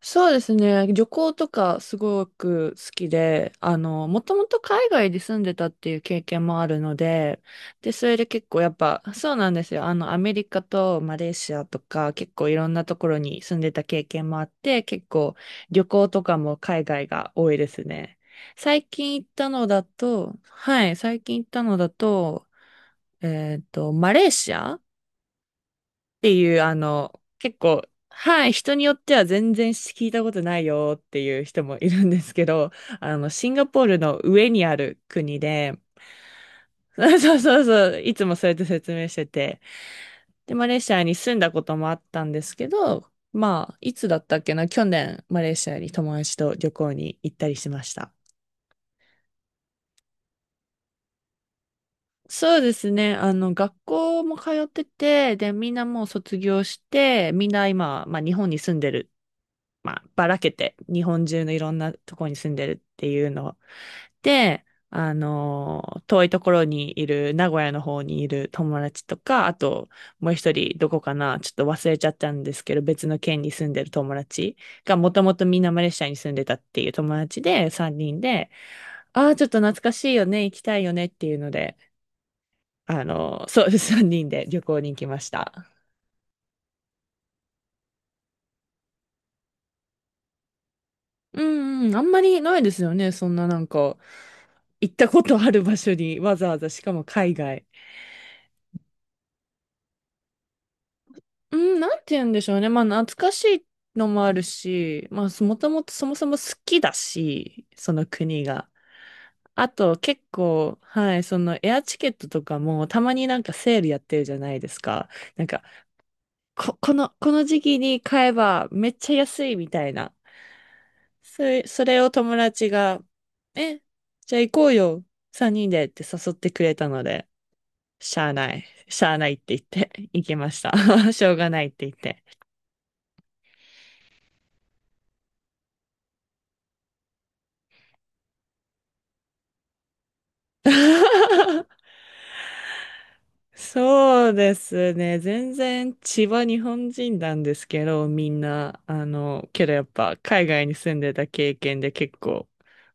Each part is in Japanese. そうですね。旅行とかすごく好きで、もともと海外で住んでたっていう経験もあるので、で、それで結構やっぱ、そうなんですよ。あの、アメリカとマレーシアとか、結構いろんなところに住んでた経験もあって、結構旅行とかも海外が多いですね。最近行ったのだと、はい、最近行ったのだと、マレーシアっていう、結構、はい、人によっては全然聞いたことないよっていう人もいるんですけど、あの、シンガポールの上にある国で、そうそうそう。いつもそうやって説明してて、で、マレーシアに住んだこともあったんですけど、まあ、いつだったっけな、去年、マレーシアに友達と旅行に行ったりしました。そうですね。あの、学校も通ってて、で、みんなもう卒業して、みんな今、まあ、日本に住んでる。まあ、ばらけて、日本中のいろんなとこに住んでるっていうの。で、あの、遠いところにいる、名古屋の方にいる友達とか、あと、もう一人、どこかな、ちょっと忘れちゃったんですけど、別の県に住んでる友達が、もともとみんなマレーシアに住んでたっていう友達で、3人で、ああ、ちょっと懐かしいよね、行きたいよねっていうので、あの、そう、3人で旅行に行きました。うんうん、あんまりないですよね。そんななんか、行ったことある場所にわざわざ、しかも海外。うん、なんて言うんでしょうね。まあ、懐かしいのもあるし、まあ、もともとそもそも好きだし、その国が。あと、結構、はい、そのエアチケットとかも、たまになんかセールやってるじゃないですか。なんか、この時期に買えばめっちゃ安いみたいな。それを友達が、え、じゃあ行こうよ、三人でって誘ってくれたので、しゃあないって言って、行きました。しょうがないって言って。そうですね。全然千葉日本人なんですけど、みんな、あの、けどやっぱ海外に住んでた経験で結構、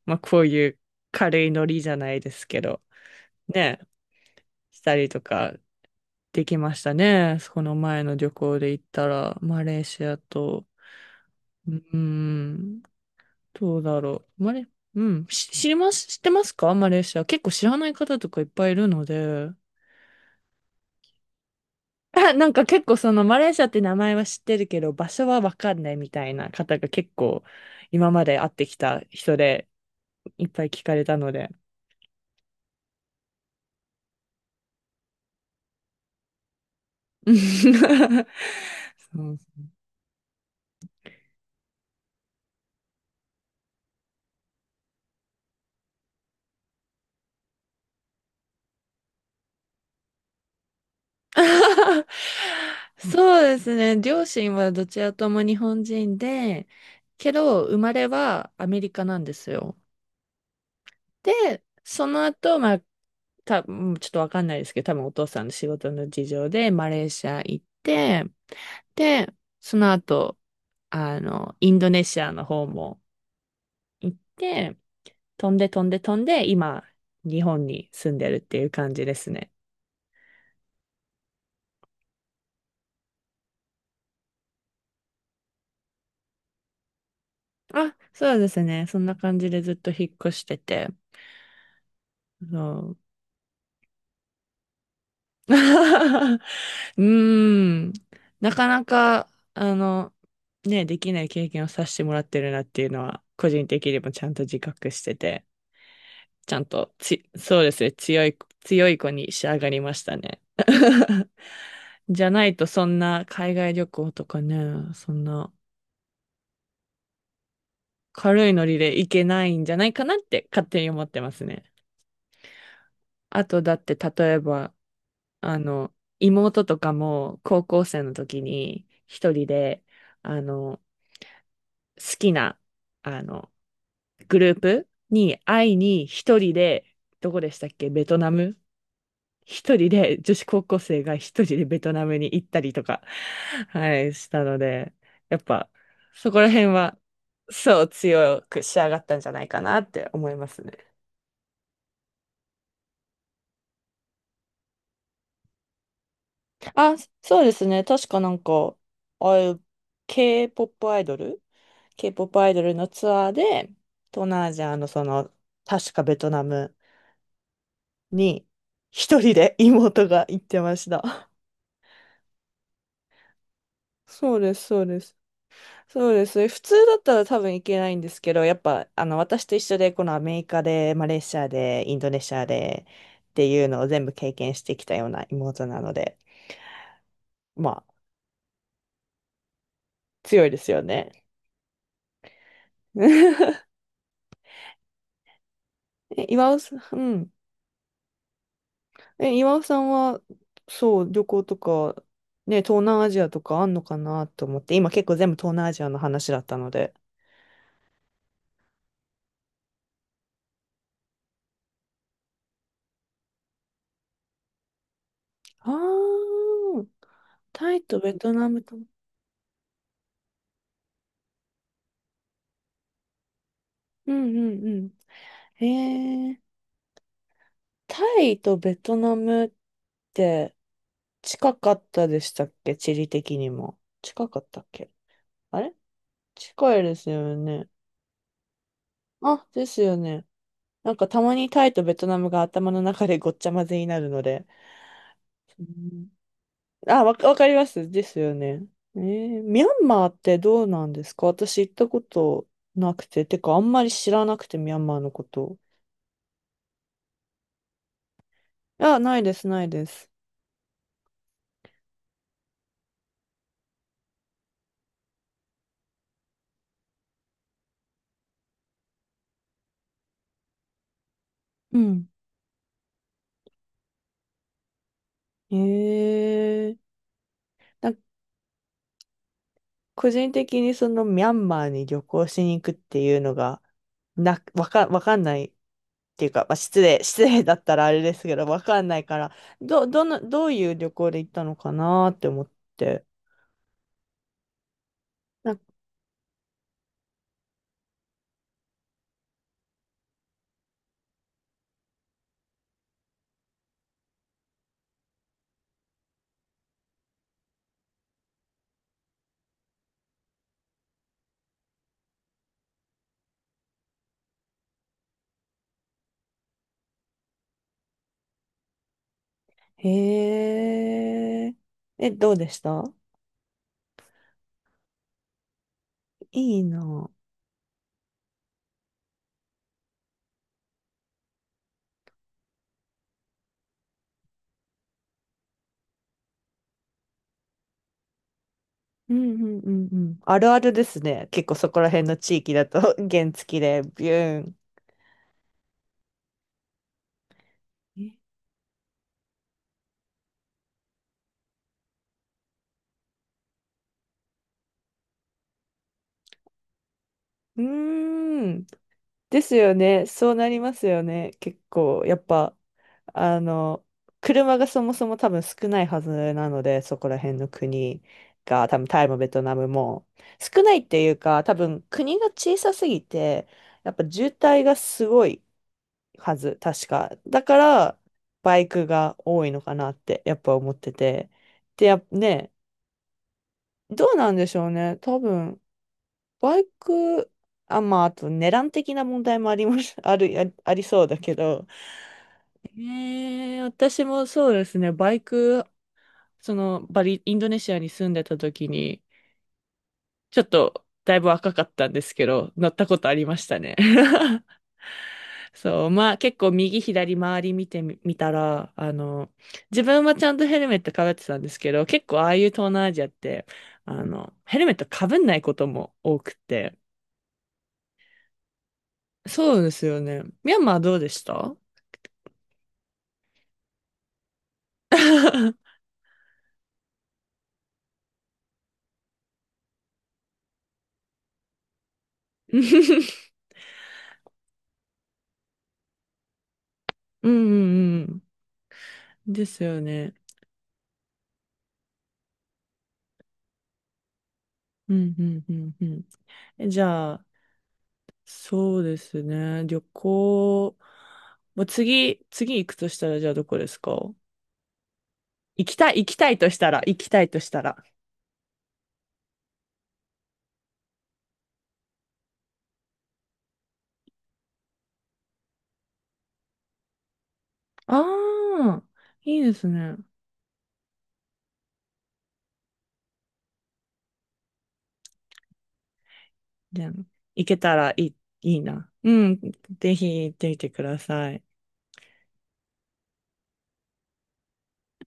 まあこういう軽いノリじゃないですけど、ね、したりとかできましたね。この前の旅行で行ったら、マレーシアと、うーん、どうだろう。うん、知ります、知ってますかマレーシア？結構知らない方とかいっぱいいるので。あなんか結構そのマレーシアって名前は知ってるけど、場所はわかんないみたいな方が結構今まで会ってきた人でいっぱい聞かれたので。そう そうですね。両親はどちらとも日本人で、けど生まれはアメリカなんですよ。で、その後、まあ、うんちょっとわかんないですけど、多分お父さんの仕事の事情でマレーシア行って、で、その後、インドネシアの方も行って、飛んで飛んで飛んで、今、日本に住んでるっていう感じですね。あ、そうですね。そんな感じでずっと引っ越してて。そう。うーん。なかなか、ね、できない経験をさせてもらってるなっていうのは、個人的にもちゃんと自覚してて、ちゃんとつ、そうですね、強い子に仕上がりましたね。じゃないと、そんな海外旅行とかね、そんな軽いノリで行けないんじゃないかなって勝手に思ってますね。あと、だって、例えば、あの、妹とかも高校生の時に一人で、あの、好きな、あの、グループに会いに一人で、どこでしたっけ、ベトナム一人で、女子高校生が一人でベトナムに行ったりとか、はい、したので、やっぱ、そこら辺は、そう強く仕上がったんじゃないかなって思いますね。あ、そうですね。確かなんか、ああいう K-POP アイドル K-POP アイドルのツアーで、東南アジアのその、確かベトナムに一人で妹が行ってました。そうです、そうです。そうです。普通だったら多分行けないんですけど、やっぱ、私と一緒で、このアメリカで、マレーシアで、インドネシアで、っていうのを全部経験してきたような妹なので、まあ、強いですよね。え岩尾さん、うん。え、岩尾さんは、そう、旅行とか、ね、東南アジアとかあんのかなと思って、今結構全部東南アジアの話だったので。ああ、タイとベトナムと。うんうんうん。へえ、タイとベトナムって近かったでしたっけ地理的にも。近かったっけあれ近いですよね。あ、ですよね。なんかたまにタイとベトナムが頭の中でごっちゃ混ぜになるので。うんあ、わかります。ですよね。えーミャンマーってどうなんですか？私行ったことなくて、てかあんまり知らなくて、ミャンマーのこと。あ、ないです。うん。えー、なんか個人的にそのミャンマーに旅行しに行くっていうのが、わかんないっていうか、まあ、失礼だったらあれですけど、わかんないから、どういう旅行で行ったのかなって思って。なんかへえ、え、どうでしたいいな。うんうんうんうん。あるあるですね。結構そこら辺の地域だと 原付でビューン。えうーん。ですよね。そうなりますよね。結構、やっぱ、あの、車がそもそも多分少ないはずなので、そこら辺の国が、多分タイもベトナムも、少ないっていうか、多分国が小さすぎて、やっぱ渋滞がすごいはず、確か。だから、バイクが多いのかなって、やっぱ思ってて。で、やっね、どうなんでしょうね。多分、バイク、あ、まあ、あと、値段的な問題もあります、ありそうだけど。ねえ私もそうですね、バイク、その、バリ、インドネシアに住んでた時に、ちょっと、だいぶ若かったんですけど、乗ったことありましたね。そう、まあ結構右左周り見てみ、見たら、自分はちゃんとヘルメットかぶってたんですけど、結構ああいう東南アジアって、ヘルメットかぶんないことも多くて。そうですよね。ミャンマーどうでした？ うんうんうん。ですよね。うんうんうんうん。えじゃあ、そうですね。旅行、もう次、次行くとしたら、じゃあどこですか？行きたいとしたら。ああ、いいですね。じゃあ、行けたらいい、いいな。うん、ぜひ行ってみてください。